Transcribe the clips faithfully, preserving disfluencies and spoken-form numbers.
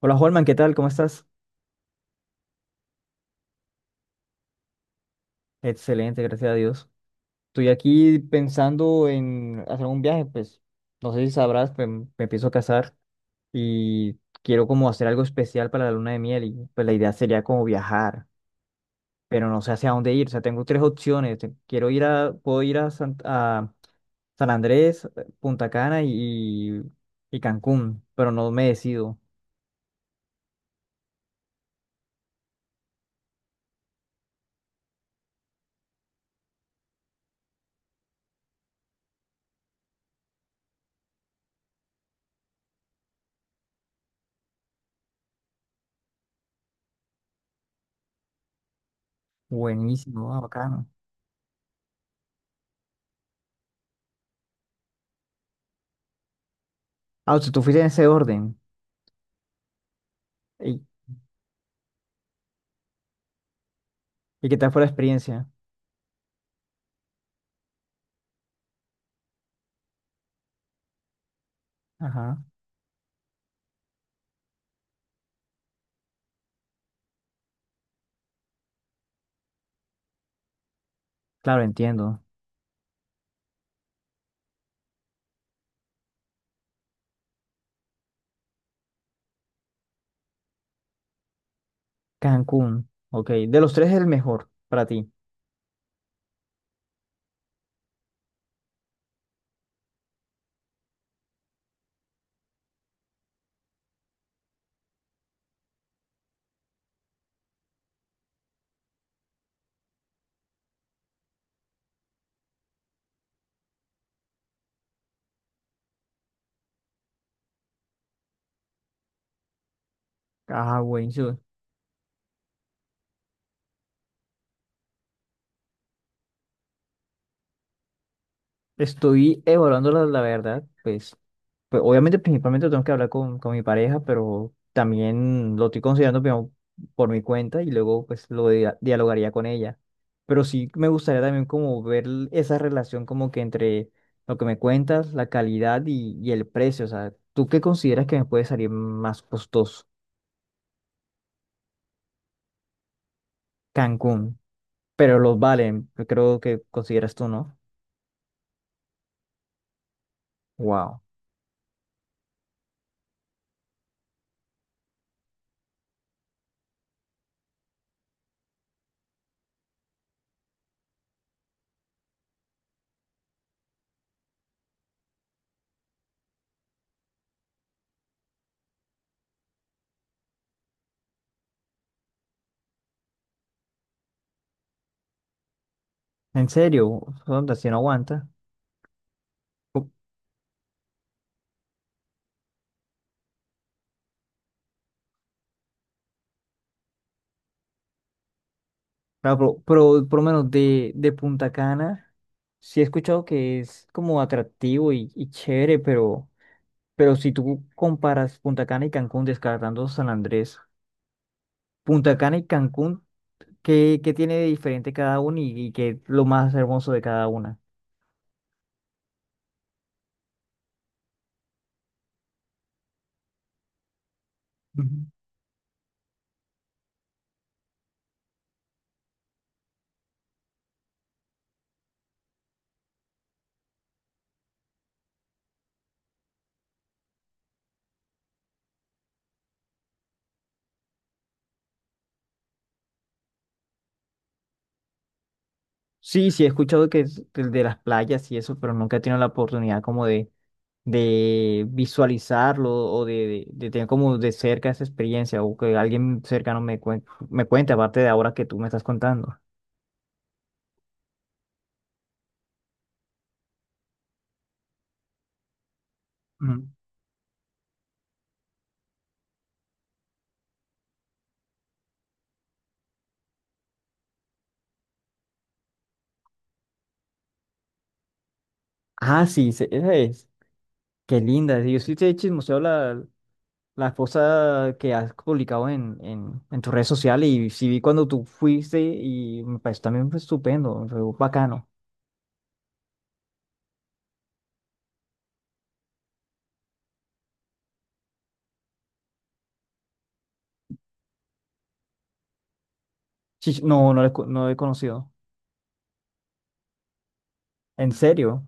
Hola Holman, ¿qué tal? ¿Cómo estás? Excelente, gracias a Dios. Estoy aquí pensando en hacer un viaje, pues no sé si sabrás, pues, me empiezo a casar y quiero como hacer algo especial para la luna de miel y pues la idea sería como viajar, pero no sé hacia dónde ir. O sea, tengo tres opciones. Te- Quiero ir a, puedo ir a San, a San Andrés, eh, Punta Cana y, y Cancún, pero no me decido. Buenísimo, ah, bacano. Ah, o sea, tú fuiste en ese orden. ¿Y, y qué tal fue la experiencia? Ajá. Claro, entiendo. Cancún, ok. De los tres, el mejor para ti. Ah, buenísimo. Estoy evaluando la, la verdad, pues, pues obviamente principalmente tengo que hablar con, con mi pareja, pero también lo estoy considerando primero por mi cuenta y luego pues lo dia- dialogaría con ella. Pero sí me gustaría también como ver l- esa relación como que entre lo que me cuentas, la calidad y, y el precio. O sea, ¿tú qué consideras que me puede salir más costoso? Cancún, pero los valen, creo que consideras tú, ¿no? Wow. En serio, Sonda, si no aguanta. Co- Claro, pero, pero por lo menos de, de Punta Cana, sí he escuchado que es como atractivo y, y chévere, pero, pero si tú comparas Punta Cana y Cancún, descartando San Andrés, Punta Cana y Cancún, ¿qué, qué tiene de diferente cada uno y, y qué es lo más hermoso de cada una? Ujú. Sí, sí he escuchado que es el de las playas y eso, pero nunca he tenido la oportunidad como de, de visualizarlo o de, de- de tener como de cerca esa experiencia o que alguien cercano me cuente, me cuente, aparte de ahora que tú me estás contando. Ujú. Ah, sí, se- esa es. Qué linda. Sí, yo sí te he chismoseado la, la cosa que has publicado en, en, en tus redes sociales y sí vi cuando tú fuiste y me pareció también fue estupendo, me fue bacano. Sí, no, no lo, he co- no lo he conocido. ¿En serio?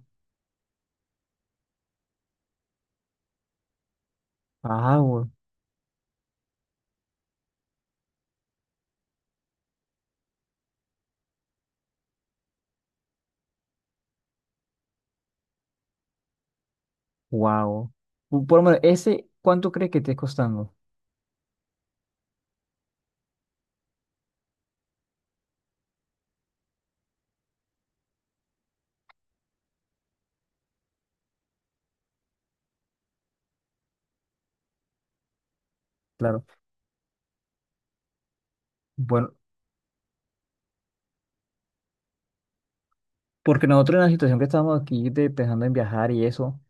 Ah, wow. Por lo menos, ese, ¿cuánto crees que te esté costando? Claro. Bueno. Porque nosotros en la situación que estábamos aquí de, pensando en viajar y eso,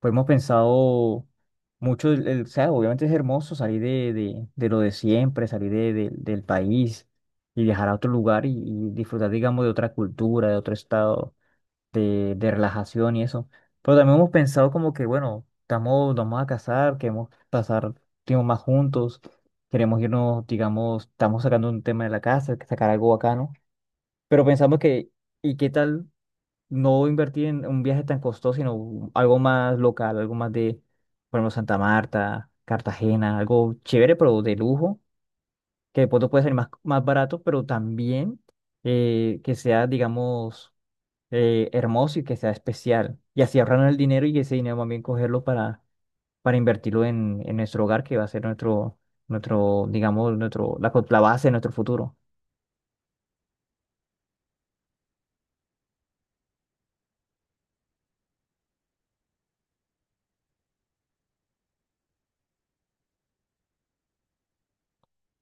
pues hemos pensado mucho, el, el- o sea, obviamente es hermoso salir de, de, de lo de siempre, salir de, de- del país y viajar a otro lugar y, y disfrutar, digamos, de otra cultura, de otro estado de, de relajación y eso. Pero también hemos pensado como que, bueno, estamos, nos vamos a casar, queremos pasar tiempo más juntos, queremos irnos, digamos, estamos sacando un tema de la casa, sacar algo bacano, pero pensamos que... ¿Y qué tal? No invertir en un viaje tan costoso, sino un- algo más local, algo más de, por ejemplo, Santa Marta, Cartagena, algo chévere, pero de lujo, que de pronto puede ser más, más barato, pero también eh, que sea, digamos, eh, hermoso y que sea especial. Y así ahorrar el dinero y ese dinero también cogerlo para, para invertirlo en, en nuestro hogar, que va a ser nuestro, nuestro, digamos, nuestro, la, co- la base de nuestro futuro.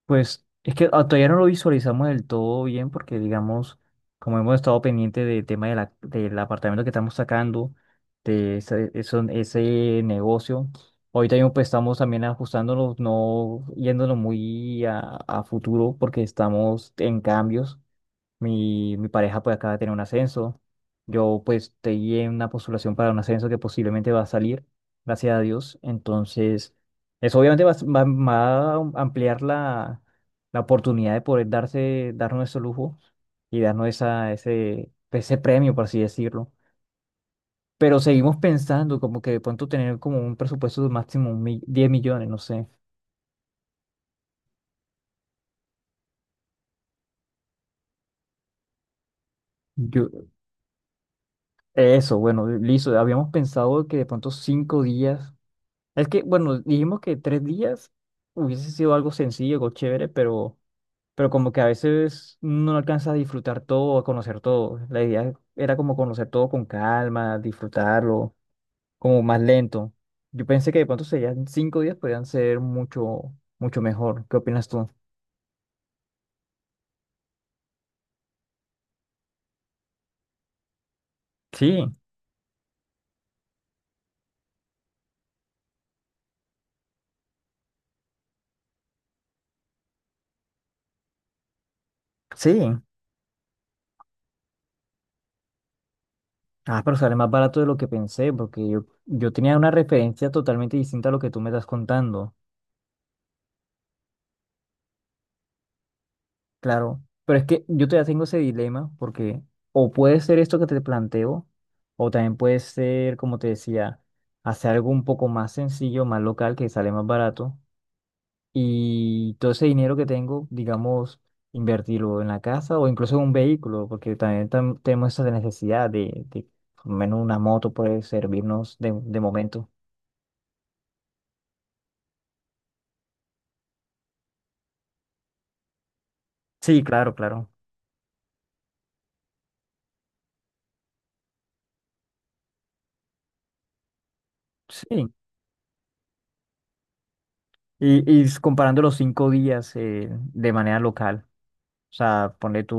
Pues es que ah, todavía no lo visualizamos del todo bien porque, digamos, como hemos estado pendiente del tema de la- del apartamento que estamos sacando, de ese, eso- ese negocio, ahorita mismo pues, estamos también ajustándonos, no yéndonos muy a, a futuro porque estamos en cambios. Mi, mi pareja pues acaba de tener un ascenso. Yo pues estoy en una postulación para un ascenso que posiblemente va a salir, gracias a Dios. Entonces, eso obviamente va, a s- va- va a ampliar la, la oportunidad de poder darse, darnos ese lujo y darnos esa, ese, ese premio, por así decirlo. Pero seguimos pensando como que de pronto tener como un presupuesto de máximo un mi- diez millones, no sé. Yo, eso, bueno, listo. Habíamos pensado que de pronto cinco días. Es que, bueno, dijimos que tres días hubiese sido algo sencillo, algo chévere, pero, pero como que a veces no alcanza a disfrutar todo, a conocer todo. La idea era como conocer todo con calma, disfrutarlo, como más lento. Yo pensé que de pronto serían cinco días, podrían ser mucho, mucho mejor. ¿Qué opinas tú? Sí, sí. Ah, pero sale más barato de lo que pensé, porque yo, yo tenía una referencia totalmente distinta a lo que tú me estás contando. Claro, pero es que yo todavía tengo ese dilema porque o puede ser esto que te planteo, o también puede ser, como te decía, hacer algo un poco más sencillo, más local, que sale más barato, y todo ese dinero que tengo, digamos, invertirlo en la casa o incluso en un vehículo, porque también tam- tenemos esa necesidad de, de, por lo menos una moto puede servirnos de, de momento. Sí, claro, claro. Sí. Y, y s- comparando los cinco días eh, de manera local. O sea, ponle tú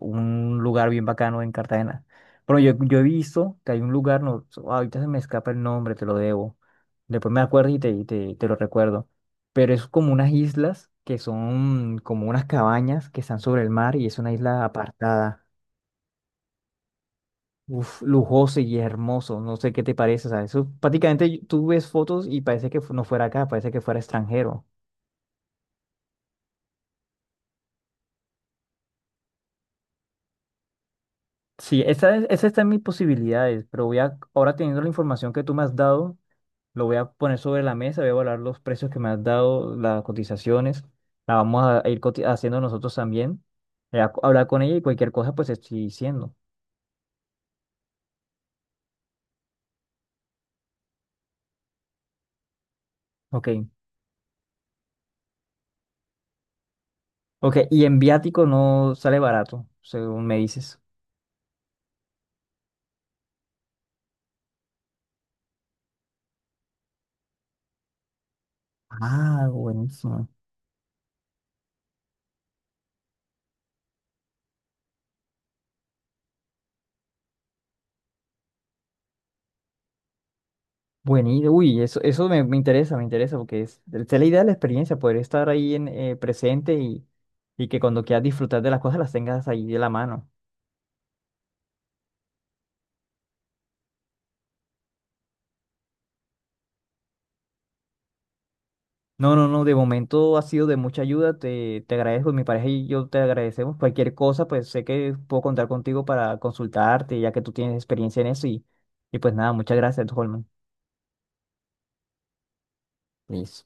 un lugar bien bacano en Cartagena. Pero yo, yo he visto que hay un lugar, no, so- ahorita se me escapa el nombre, te lo debo. Después me acuerdo y te, y te, te lo recuerdo. Pero es como unas islas que son como unas cabañas que están sobre el mar y es una isla apartada. Uf, lujoso y hermoso. No sé qué te parece. O sea, eso prácticamente y- tú ves fotos y parece que fu- no fuera acá, parece que fuera extranjero. Sí, esa, es- esa está en mis posibilidades, pero voy a, ahora teniendo la información que tú me has dado. Lo voy a poner sobre la mesa, voy a evaluar los precios que me has dado, las cotizaciones. La vamos a ir coti- haciendo nosotros también. eh, a- hablar con ella y cualquier cosa, pues te estoy diciendo. Ok. Ok, y en viático no sale barato, según me dices. Ah, buenísimo. Buenísimo. Uy, eso, eso me, me interesa, me interesa, porque es, es la idea de la experiencia, poder estar ahí en, eh, presente y, y que cuando quieras disfrutar de las cosas las tengas ahí de la mano. No, no, no, de momento ha sido de mucha ayuda, te, te agradezco, mi pareja y yo te agradecemos. Cualquier cosa, pues sé que puedo contar contigo para consultarte, ya que tú tienes experiencia en eso y, y pues nada, muchas gracias, Holman. Listo.